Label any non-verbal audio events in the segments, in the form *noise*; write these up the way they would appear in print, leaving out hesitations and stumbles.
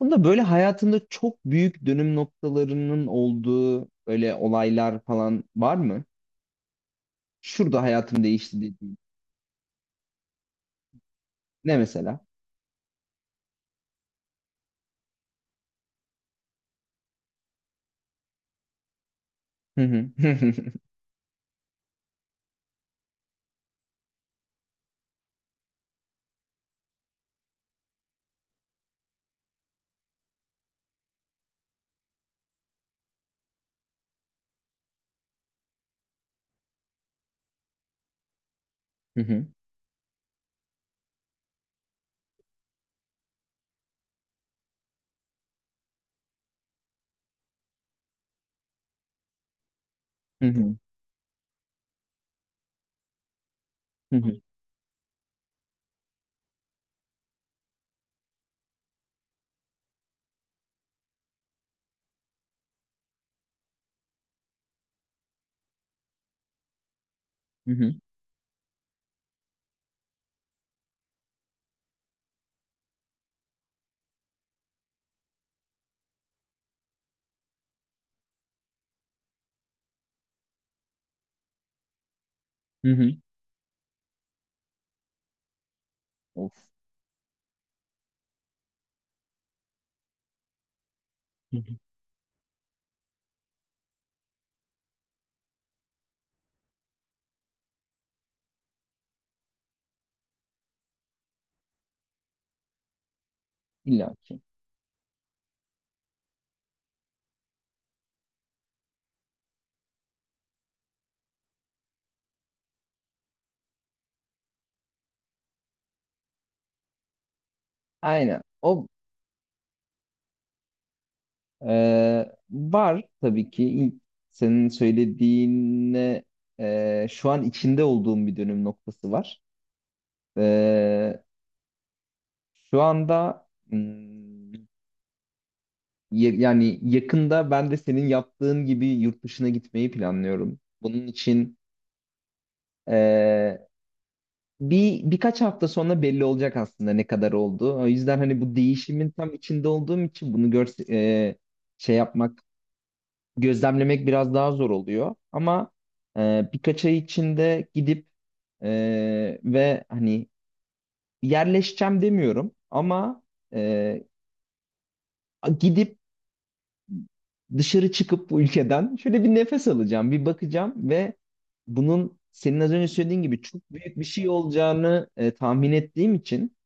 Bunda böyle hayatında çok büyük dönüm noktalarının olduğu böyle olaylar falan var mı? Şurada hayatım değişti dediğin. Ne mesela? Hı hı. *laughs* Hı hı. Hı hı. Hı hı. Hı hı. Hı hı. Of. Hı hı. İlla ki. Aynen. O, var tabii ki. İlk senin söylediğine, şu an içinde olduğum bir dönüm noktası var. E, şu anda, yani yakında ben de senin yaptığın gibi yurt dışına gitmeyi planlıyorum. Bunun için eee, birkaç hafta sonra belli olacak aslında ne kadar oldu. O yüzden hani bu değişimin tam içinde olduğum için bunu gör şey yapmak, gözlemlemek biraz daha zor oluyor. Ama birkaç ay içinde gidip ve hani yerleşeceğim demiyorum ama eee, gidip dışarı çıkıp bu ülkeden şöyle bir nefes alacağım, bir bakacağım ve bunun senin az önce söylediğin gibi çok büyük bir şey olacağını tahmin ettiğim için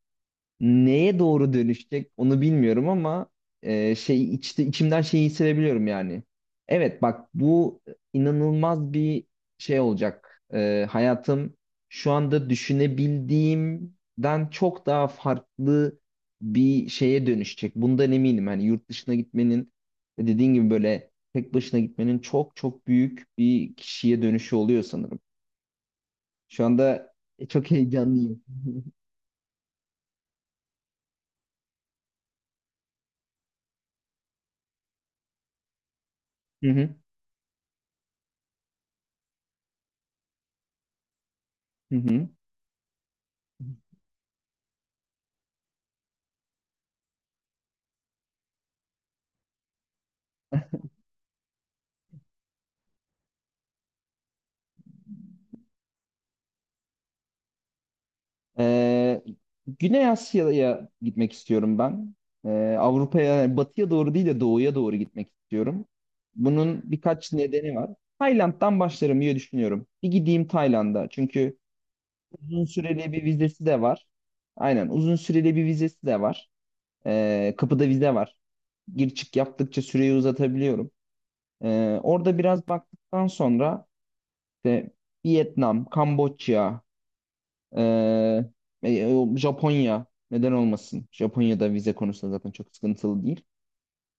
neye doğru dönüşecek onu bilmiyorum ama şey içimden şeyi hissedebiliyorum yani. Evet bak, bu inanılmaz bir şey olacak. Hayatım şu anda düşünebildiğimden çok daha farklı bir şeye dönüşecek. Bundan eminim. Hani yurt dışına gitmenin ve dediğin gibi böyle tek başına gitmenin çok çok büyük bir kişiye dönüşü oluyor sanırım. Şu anda çok heyecanlıyım. *laughs* Hı hı. Hı hı. Ee, Güney Asya'ya gitmek istiyorum ben. Avrupa'ya, yani batıya doğru değil de doğuya doğru gitmek istiyorum. Bunun birkaç nedeni var. Tayland'dan başlarım diye düşünüyorum. Bir gideyim Tayland'a. Çünkü uzun süreli bir vizesi de var. Aynen, uzun süreli bir vizesi de var. Kapıda vize var. Gir çık yaptıkça süreyi uzatabiliyorum. Orada biraz baktıktan sonra işte Vietnam, Kamboçya, ee, e, Japonya neden olmasın? Japonya'da vize konusunda zaten çok sıkıntılı değil.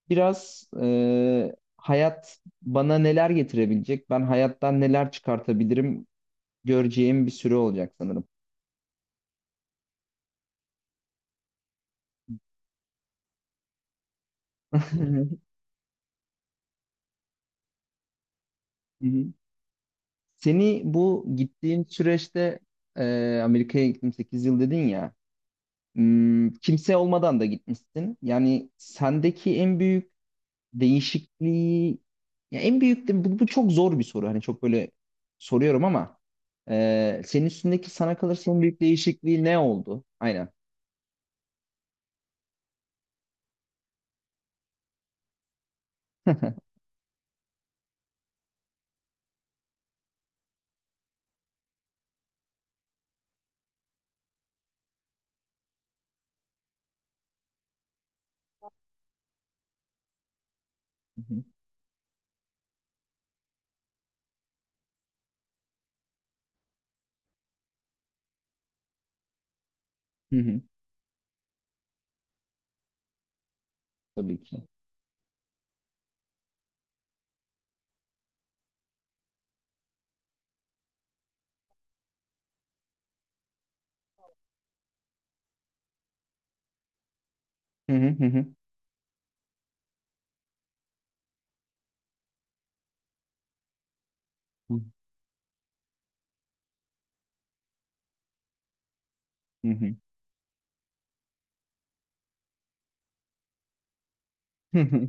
Biraz hayat bana neler getirebilecek, ben hayattan neler çıkartabilirim göreceğim bir süre olacak sanırım. *laughs* Hı hı. Seni bu gittiğin süreçte Amerika'ya gittim 8 yıl dedin ya. Kimse olmadan da gitmişsin. Yani sendeki en büyük değişikliği, ya en büyük de bu çok zor bir soru. Hani çok böyle soruyorum ama senin üstündeki, sana kalırsa en büyük değişikliği ne oldu? Aynen. *laughs* Hı hı. Hı hı. Tabii ki. Hı hı, hı hı. Hı hı. Hı hı.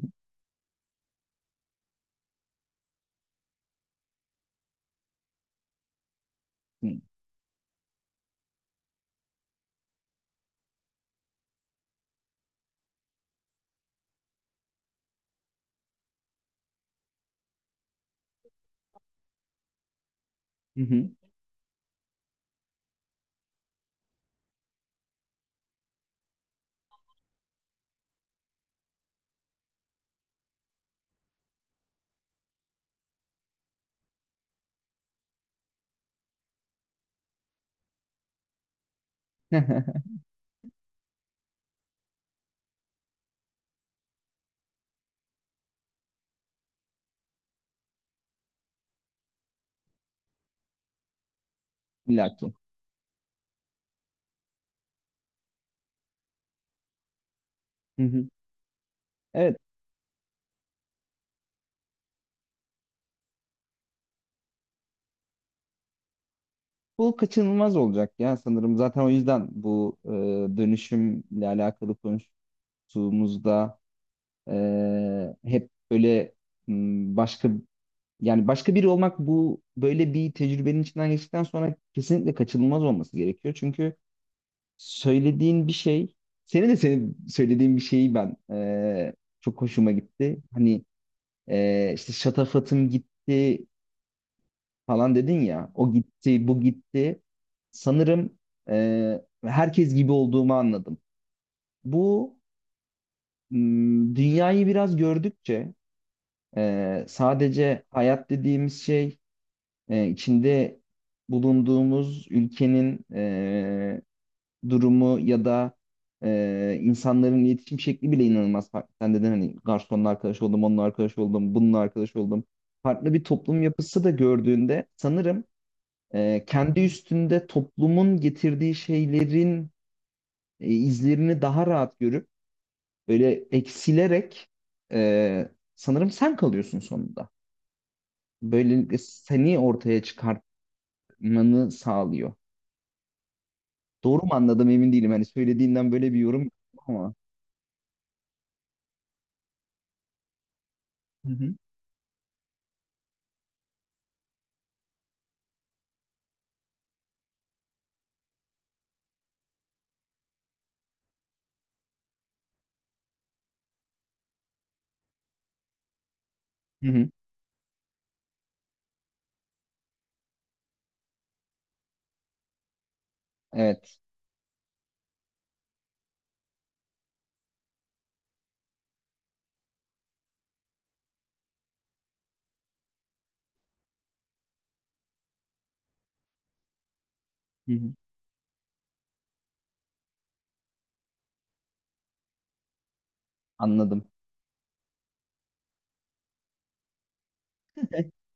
Hı hı. *laughs* İlla ki. Hı hı. Evet. Bu kaçınılmaz olacak ya sanırım. Zaten o yüzden bu dönüşümle alakalı konuştuğumuzda hep böyle. M, başka Yani başka biri olmak, bu böyle bir tecrübenin içinden geçtikten sonra kesinlikle kaçınılmaz olması gerekiyor. Çünkü söylediğin bir şey, senin söylediğin bir şeyi ben çok hoşuma gitti. Hani işte şatafatım gitti falan dedin ya, o gitti, bu gitti. Sanırım eee, herkes gibi olduğumu anladım. Bu dünyayı biraz gördükçe sadece hayat dediğimiz şey, içinde bulunduğumuz ülkenin durumu ya da insanların iletişim şekli bile inanılmaz farklı. Sen dedin hani garsonla arkadaş oldum, onunla arkadaş oldum, bununla arkadaş oldum. Farklı bir toplum yapısı da gördüğünde sanırım kendi üstünde toplumun getirdiği şeylerin izlerini daha rahat görüp böyle eksilerek e, sanırım sen kalıyorsun sonunda. Böylelikle seni ortaya çıkartmanı sağlıyor. Doğru mu anladım emin değilim. Hani söylediğinden böyle bir yorum yaptım ama. Hı hı. Hı hı. Evet. Hı hı. Anladım. *laughs*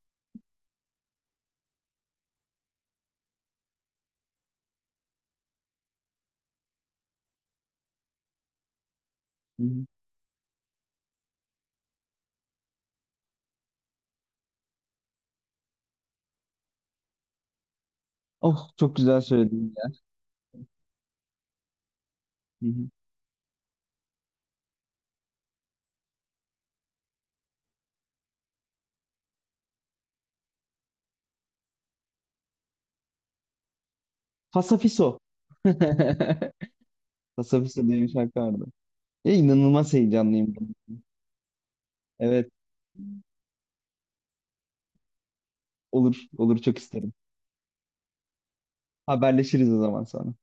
Hı hı. Oh, çok güzel söyledin ya. Hı hı. Fasafiso. *laughs* Fasafiso diye bir şarkı vardı. Ya, inanılmaz heyecanlıyım. Evet, olur olur, çok isterim. Haberleşiriz o zaman sonra.